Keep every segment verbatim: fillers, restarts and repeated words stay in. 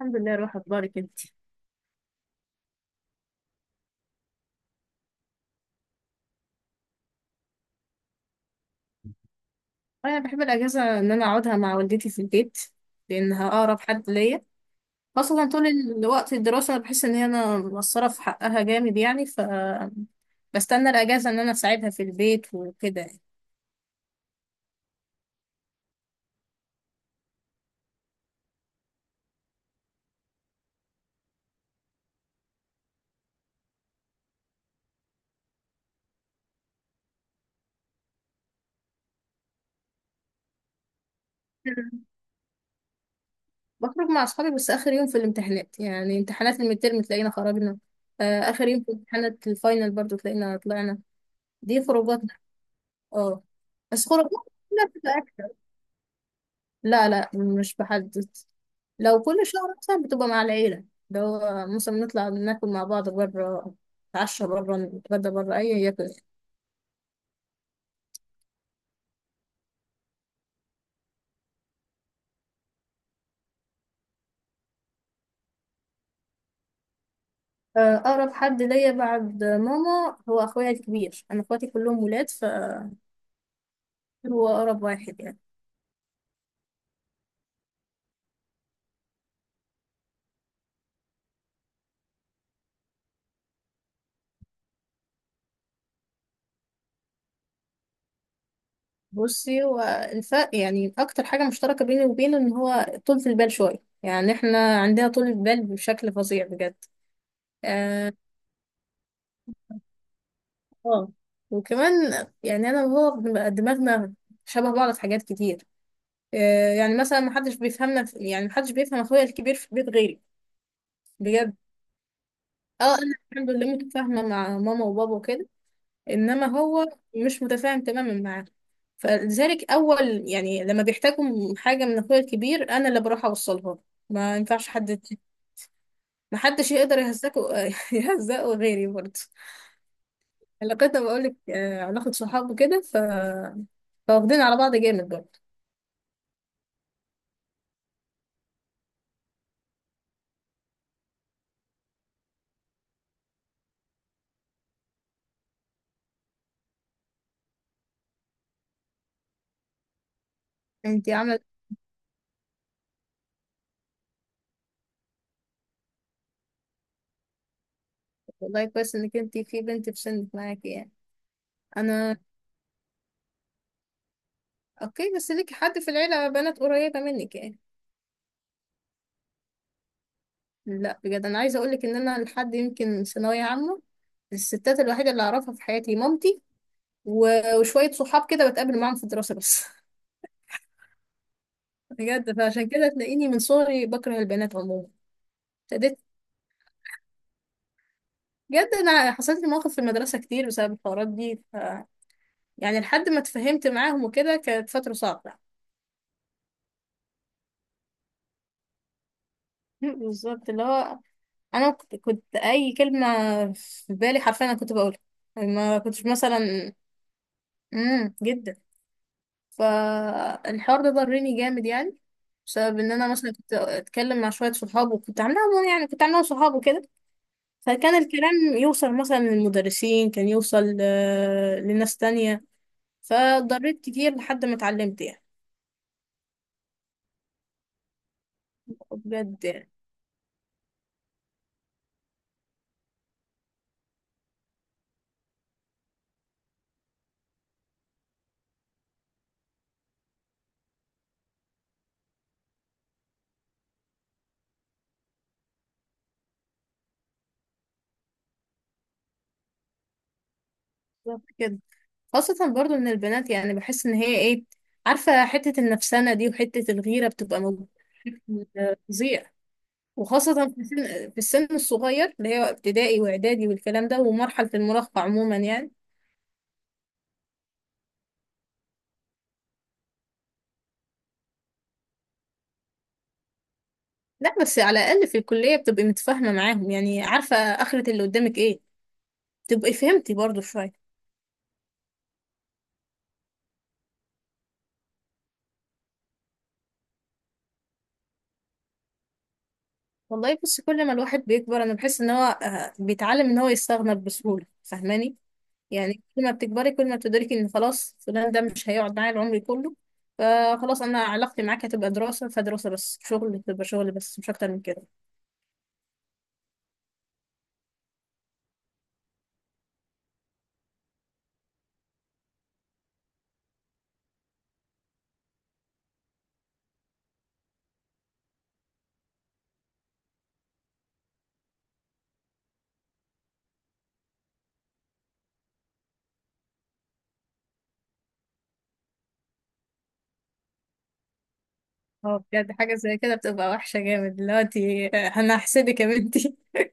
الحمد لله، روح اخبارك انت؟ انا بحب الاجازه ان انا اقعدها مع والدتي في البيت، لانها اقرب حد ليا. خاصه طول الوقت الدراسه انا بحس ان هي انا مقصره في حقها جامد، يعني ف بستنى الاجازه ان انا اساعدها في البيت وكده يعني. مم. بخرج مع اصحابي، بس اخر يوم في الامتحانات يعني امتحانات الميدترم تلاقينا خرجنا. آه، اخر يوم في امتحانات الفاينل برضو تلاقينا طلعنا. دي خروجاتنا. اه. بس خروجاتنا كلها بتبقى. لا، لا، مش بحدد. لو كل شهر مثلا بتبقى مع العيلة. لو مثلا نطلع ناكل مع بعض بره، نتعشى بره، نتغدى بره، أي هي كده. آه، أقرب حد ليا بعد ماما هو أخويا الكبير. أنا أخواتي كلهم ولاد، فهو أقرب واحد يعني. بصي، هو الفرق يعني أكتر حاجة مشتركة بيني وبينه إن هو طولة البال شوية، يعني إحنا عندنا طولة بال بشكل فظيع بجد. آه. آه. وكمان يعني أنا وهو بنبقى دماغنا شبه بعض في حاجات كتير. آه، يعني مثلا ما حدش بيفهمنا في- يعني ما حدش بيفهم اخويا الكبير في البيت غيري. بجد. اه، انا الحمد لله متفاهمه مع ماما وبابا وكده، انما هو مش متفاهم تماما معاه. فلذلك، اول يعني لما بيحتاجوا حاجه من اخويا الكبير انا اللي بروح اوصلها له. ما ينفعش حد، ما حدش يقدر يهزقه يهزقه غيري برضه. علاقتنا بقول لك علاقه صحاب وكده ف فواخدين على بعض جامد برضه. انتي عامله. والله كويس انك انتي في بنت في سنك معاكي يعني. انا اوكي، بس ليكي حد في العيلة بنات قريبة منك يعني؟ لا، بجد انا عايزة اقولك ان انا لحد يمكن ثانوية عامة الستات الوحيدة اللي اعرفها في حياتي مامتي، و- وشوية صحاب كده بتقابل معاهم في الدراسة بس. بجد، فعشان كده تلاقيني من صغري بكره البنات عموما. ابتديت بجد، انا حصلت لي مواقف في المدرسة كتير بسبب الحوارات دي ف... يعني لحد ما اتفهمت معاهم وكده كانت فترة صعبة. بالظبط، اللي هو انا كنت كنت اي كلمة في بالي حرفيا انا كنت بقولها، ما كنتش مثلا امم جدا. فالحوار ده ضرني جامد يعني، بسبب ان انا مثلا كنت اتكلم مع شويه صحاب، وكنت عاملاهم يعني كنت عاملاهم صحاب وكده. فكان الكلام يوصل مثلا للمدرسين، كان يوصل آه، لناس تانية. فضريت كتير لحد ما اتعلمت يعني. بجد يعني. بالظبط كده. خاصة برضو ان البنات يعني بحس ان هي ايه، عارفة حتة النفسانة دي وحتة الغيرة بتبقى موجودة بشكل آه، فظيع. وخاصة في السن في السن الصغير اللي هي ابتدائي واعدادي والكلام ده ومرحلة المراهقة عموما يعني. لا، بس على الأقل في الكلية بتبقي متفاهمة معاهم، يعني عارفة آخرة اللي قدامك ايه، تبقي فهمتي برضو شوية. والله بص، كل ما الواحد بيكبر أنا بحس إن هو آه، بيتعلم إن هو يستغنى بسهولة، فاهماني؟ يعني كل ما بتكبري كل ما بتدركي إن خلاص فلان ده مش هيقعد معايا العمر كله. فخلاص، أنا علاقتي معاك هتبقى دراسة فدراسة بس، شغل تبقى شغل بس، مش أكتر من كده. اه، بجد حاجة زي كده بتبقى وحشة جامد دلوقتي. آه، أنا هحسدك يا بنتي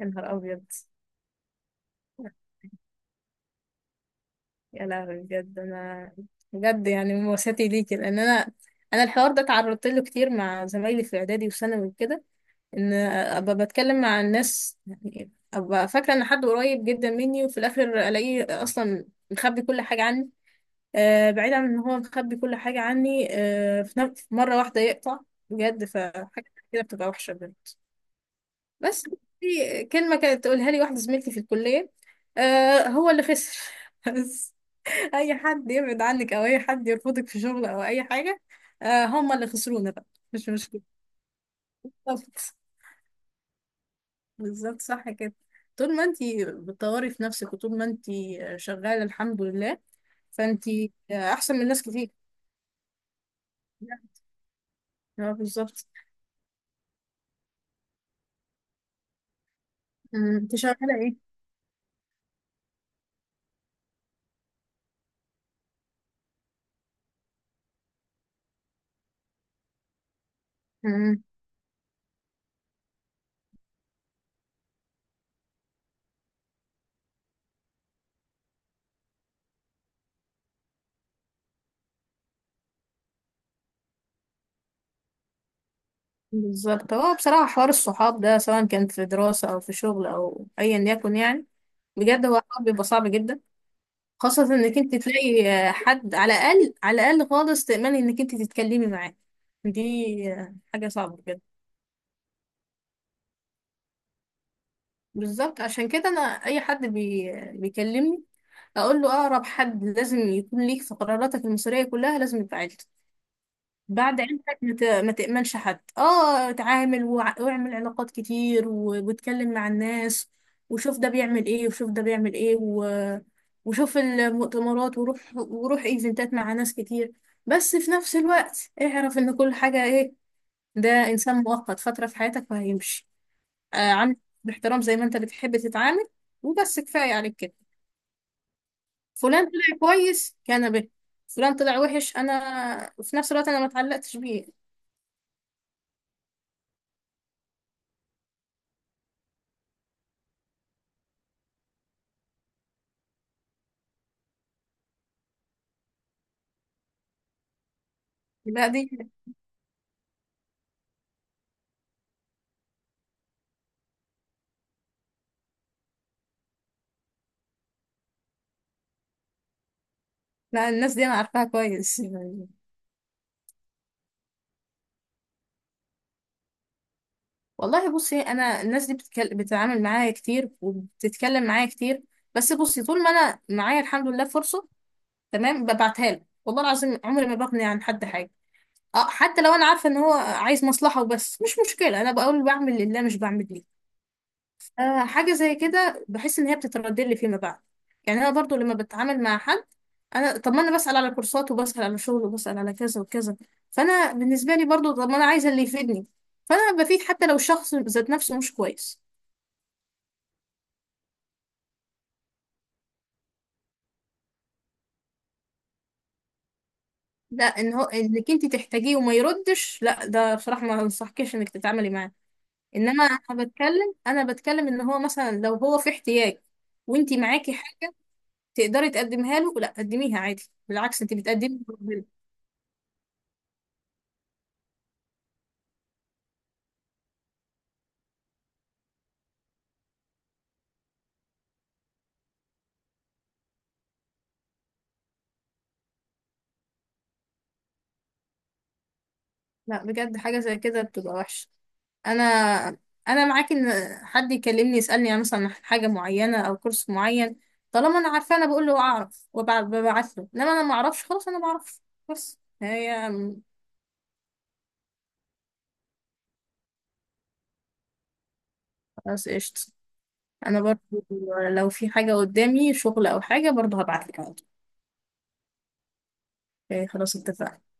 يا نهار أبيض! يا لهوي، بجد انا بجد يعني مواساتي ليكي، لان انا انا الحوار ده تعرضت له كتير مع زمايلي في اعدادي وثانوي وكده، ان ابقى بتكلم مع الناس، يعني ابقى فاكره ان حد قريب جدا مني وفي الاخر الاقيه اصلا مخبي كل حاجه عني. آه بعيد عن ان هو مخبي كل حاجه عني، آه في نف- في مره واحده يقطع. بجد، فحاجه كده بتبقى وحشه بجد. بس في كلمه كانت تقولها لي واحده زميلتي في الكليه، آه، هو اللي خسر. بس اي حد يبعد عنك او اي حد يرفضك في شغل او اي حاجه، آه، هم اللي خسرونا بقى، مش مشكله. بالظبط. بالظبط صح كده. طول ما انتي بتطوري في نفسك وطول ما انتي شغاله الحمد لله، فانتي آه، احسن من ناس كتير يعني. اه، بالظبط. أمم، انت شغاله ايه؟ أمم، بالظبط، هو بصراحه حوار الصحاب ده، سواء كان في دراسه او في شغل او ايا يكن يعني، بجد هو حوار بيبقى صعب جدا. خاصة انك انت تلاقي آه، حد على الاقل، على الاقل خالص، تأمني انك انت تتكلمي معاه، دي آه، حاجة صعبة بجد. بالظبط، عشان كده انا اي حد بي... بيكلمني اقول له اقرب حد لازم يكون ليك في قراراتك المصيرية كلها لازم يبقى عيلتك. بعد عيلتك ما ت- ما تأمنش حد، اه اتعامل وع- واعمل علاقات كتير و- واتكلم مع الناس، وشوف ده بيعمل ايه وشوف ده بيعمل ايه و... وشوف المؤتمرات وروح وروح ايفنتات مع ناس كتير. بس في نفس الوقت اعرف ان كل حاجة ايه، ده انسان مؤقت فترة في حياتك وهيمشي. آه، عامل باحترام زي ما انت بتحب تتعامل، وبس كفاية عليك كده. فلان طلع كويس كان به، فلان طلع وحش، انا في نفس الوقت انا ما اتعلقتش بيه. لا دي لا، الناس دي انا عارفاها كويس يعني. والله بصي، انا الناس دي بتتكل... بتتعامل معايا كتير وبتتكلم معايا كتير. بس بصي، طول ما انا معايا الحمد لله فرصه تمام ببعتها له، والله العظيم عمري ما بغني عن حد حاجه. اه، حتى لو انا عارفه ان هو عايز مصلحه وبس، مش مشكله، انا بقول بعمل لله مش بعمل ليه. آه، حاجة زي كده بحس إن هي بتتردد لي فيما بعد. يعني أنا برضو لما بتعامل مع حد، أنا طب ما أنا بسأل على كورسات وبسأل على شغل وبسأل على كذا وكذا، فأنا بالنسبة لي برضو طب ما أنا عايزة اللي يفيدني، فأنا بفيد حتى لو الشخص ذات نفسه مش كويس. لا، إن هو إنك أنت تحتاجيه وما يردش، لا ده بصراحة ما أنصحكيش إنك تتعاملي معاه. إنما أنا بتكلم أنا بتكلم إن هو مثلا لو هو في احتياج، وأنت معاكي حاجة تقدري تقدمها له، لا قدميها عادي، بالعكس أنت بتقدمي. لا، بجد حاجة زي كده بتبقى وحشة. انا انا معاك، ان حد يكلمني يسالني يعني مثلا عن حاجه معينه او كورس معين، طالما انا عارفه انا بقول له اعرف وببعت له، انما انا ما اعرفش خلاص انا ما اعرفش. بس هي. خلاص قشطه. انا برضو، لو في حاجه قدامي شغل او حاجه برضو هبعت لك على طول. إيه، خلاص اتفقنا.